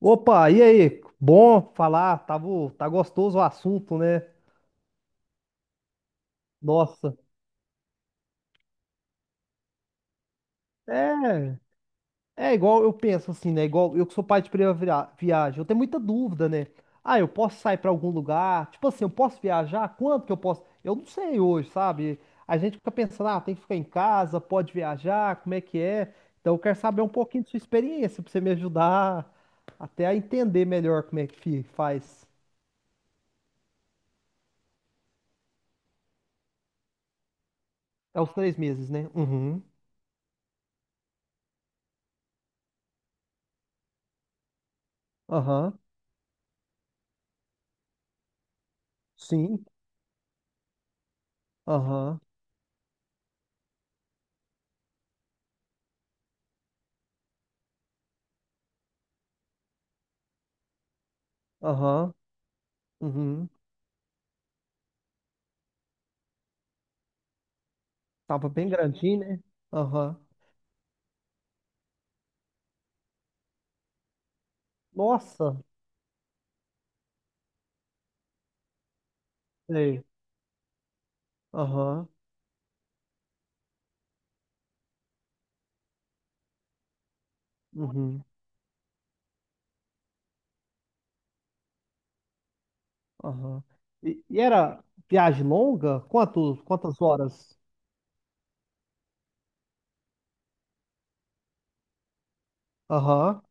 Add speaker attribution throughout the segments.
Speaker 1: Opa, e aí? Bom falar, tava, tá gostoso o assunto, né? Nossa, é, é igual eu penso assim, né? Igual eu que sou pai de primeira viagem, eu tenho muita dúvida, né? Ah, eu posso sair pra algum lugar? Tipo assim, eu posso viajar? Quanto que eu posso? Eu não sei hoje, sabe? A gente fica pensando, ah, tem que ficar em casa, pode viajar, como é que é? Então eu quero saber um pouquinho de sua experiência pra você me ajudar até a entender melhor como é que faz. É os 3 meses, né? Uhum. Aham. Sim. Aham, aham, uhum. Tava bem grandinho, né? Aham. Nossa, sei. Aham, uhum, aham. E era viagem longa? Quanto, quantas horas? Aham.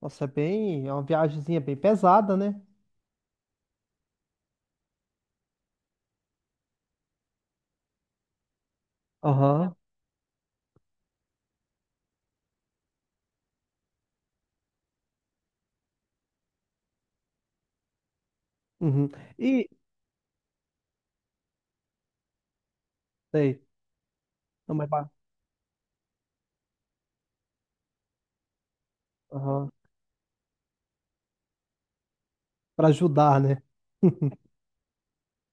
Speaker 1: Nossa, é bem, é uma viagemzinha bem pesada, né? Aham, uhum. E, sei, não, mas pra, aham, pra ajudar, né?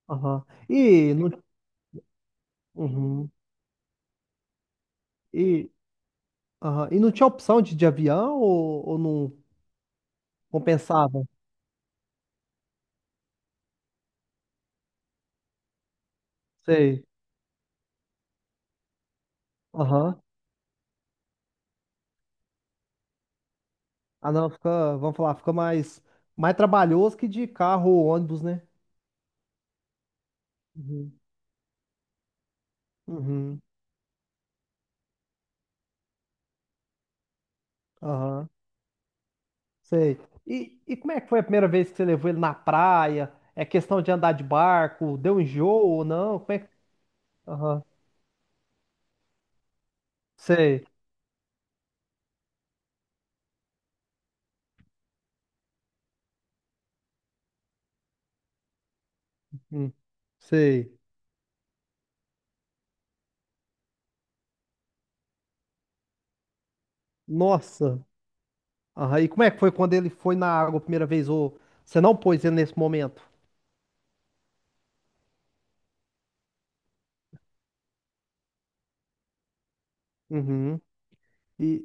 Speaker 1: Aham. E, não, uhum. E, aham. E não tinha opção de avião ou não compensava? Sei. Aham. Ah, não, fica, vamos falar, fica mais, mais trabalhoso que de carro ou ônibus, né? Uhum. Uhum, aham, sei. E como é que foi a primeira vez que você levou ele na praia? É questão de andar de barco? Deu enjoo ou não? Como é que... Aham, sei. Hum, sei. Nossa. Aham, e como é que foi quando ele foi na água a primeira vez? Ou você não pôs ele nesse momento? Uhum. E,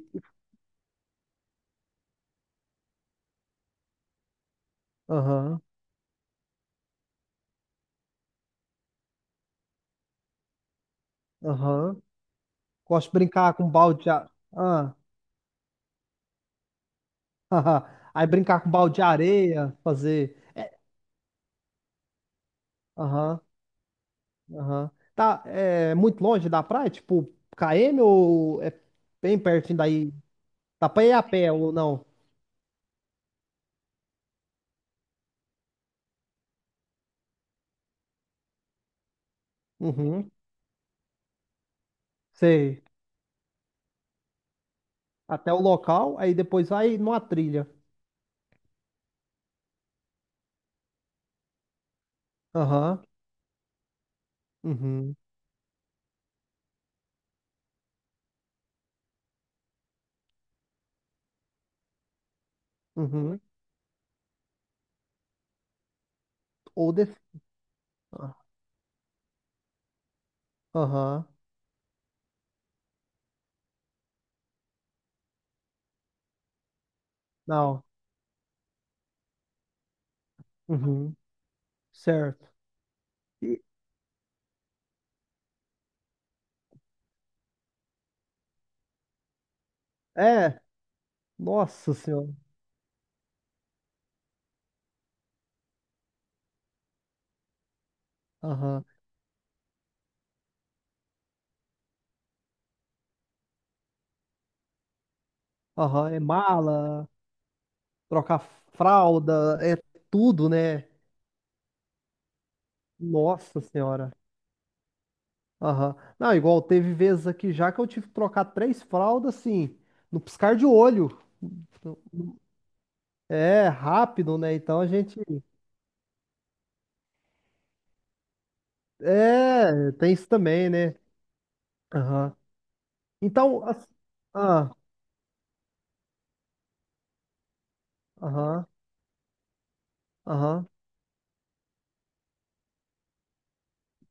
Speaker 1: aham, aham. Gosto de brincar com balde de água. Aí brincar com balde de areia, fazer. Aham, aham. Tá, é muito longe da praia? Tipo, KM ou é bem pertinho daí? Dá pra ir a pé ou não? Uhum, sei. Até o local, aí depois vai numa trilha. Aham, uhum, uhum. Ou de... ah, Aham, não. Uhum, certo. E, é, nossa senhora. Aham, aham. É mala, trocar fralda, é tudo, né? Nossa senhora. Aham. Não, igual teve vezes aqui já que eu tive que trocar 3 fraldas, assim, no piscar de olho. É, rápido, né? Então a gente. É, tem isso também, né? Aham. Então, ah, aham, aham,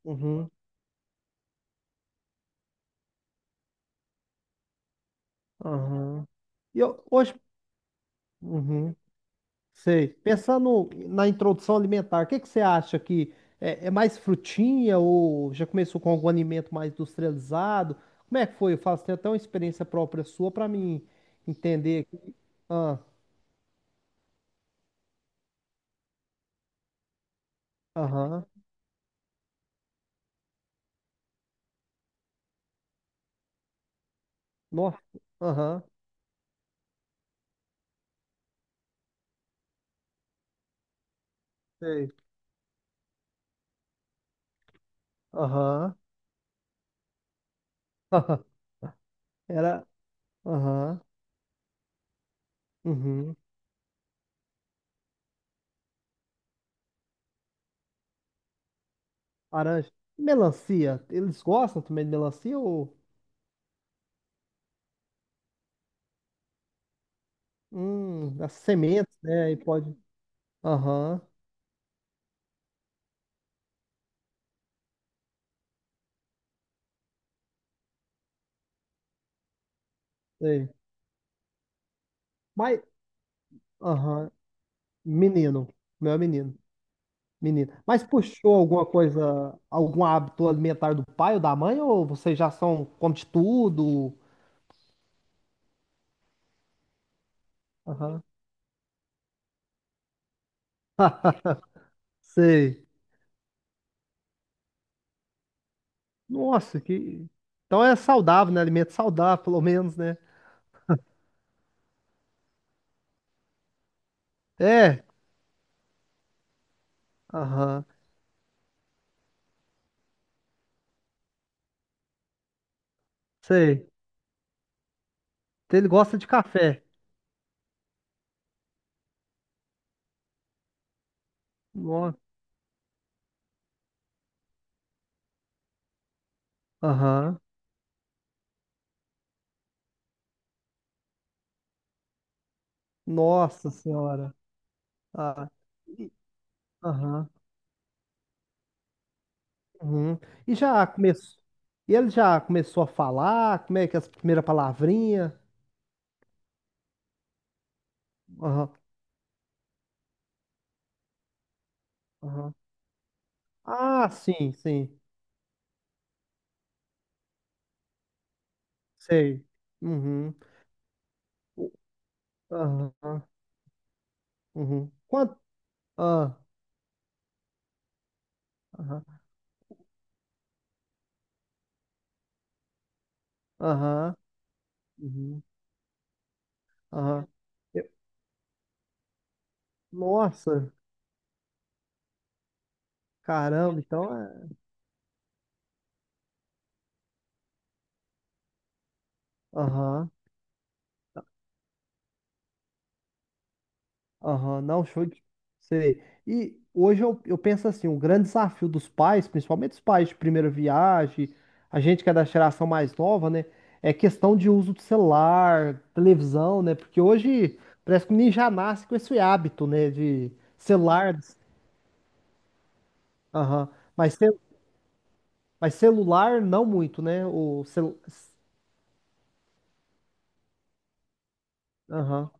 Speaker 1: uhum, aham. E eu, hoje. Uhum. Sei. Pensando na introdução alimentar, o que que você acha que é, é mais frutinha ou já começou com algum alimento mais industrializado? Como é que foi? Eu faço até uma experiência própria sua para mim entender. Aqui. Ah, aham. Nossa. Aham. Sei. Aham. Era. Aham. Uhum. Laranja. Melancia. Eles gostam também de melancia ou as sementes, né? E pode. Aham. Sei. Mas. Aham. Menino. O Meu é menino. Menino. Mas puxou alguma coisa, algum hábito alimentar do pai ou da mãe? Ou vocês já são, come de tudo? Aham. Sei. Nossa, que. Então é saudável, né? Alimento saudável, pelo menos, né? É. Aham. Sei. Então Ele gosta de café. Nossa. Aham. Nossa Senhora. Ah. E- Aham. Uhum. E já começou. E ele já começou a falar? Como é que é as primeiras palavrinhas? Aham. Aham. Ah, sim, sim. Sei. Uhum. O- Aham. Uhum. Quanto? Ah, aham. Aham. Uhum. Aham. Eu- Nossa, caramba, então é. Aham. Aham. Não, show de. Sei. E hoje eu penso assim, o grande desafio dos pais, principalmente os pais de primeira viagem, a gente que é da geração mais nova, né? É questão de uso do celular, televisão, né? Porque hoje parece que o menino já nasce com esse hábito, né? De celular. Aham. Mas, cel- mas celular, não muito, né? O cel... Aham.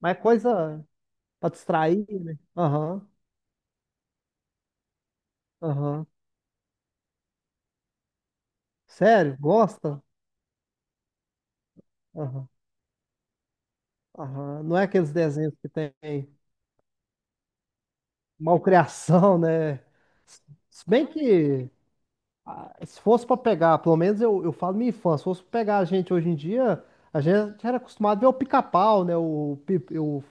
Speaker 1: Mas é coisa pra distrair, né? Aham. Aham. Sério? Gosta? Aham. Aham. Não é aqueles desenhos que tem malcriação, né? Se bem que, ah, se fosse pra pegar, pelo menos eu falo minha infância, se fosse pra pegar a gente hoje em dia, a gente era acostumado a ver o pica-pau, né?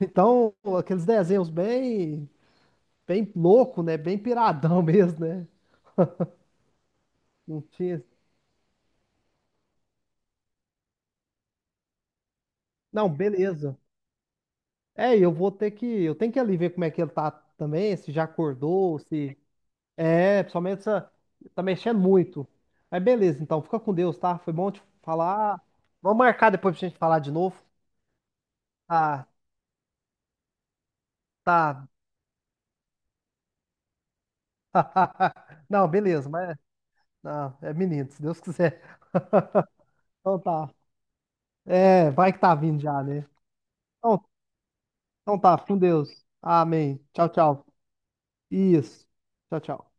Speaker 1: Então, aqueles desenhos bem, bem louco, né? Bem piradão mesmo, né? Não tinha. Não, beleza. É, eu vou ter que. Eu tenho que ali ver como é que ele tá também, se já acordou, se. É, principalmente essa. Tá mexendo muito. Mas beleza, então, fica com Deus, tá? Foi bom te falar. Vamos marcar depois pra gente falar de novo. Ah, tá. Não, beleza, mas. Não, é menino, se Deus quiser. Então tá. É, vai que tá vindo já, né? Então, então tá, fica com Deus. Amém. Tchau, tchau. Isso. Tchau, tchau.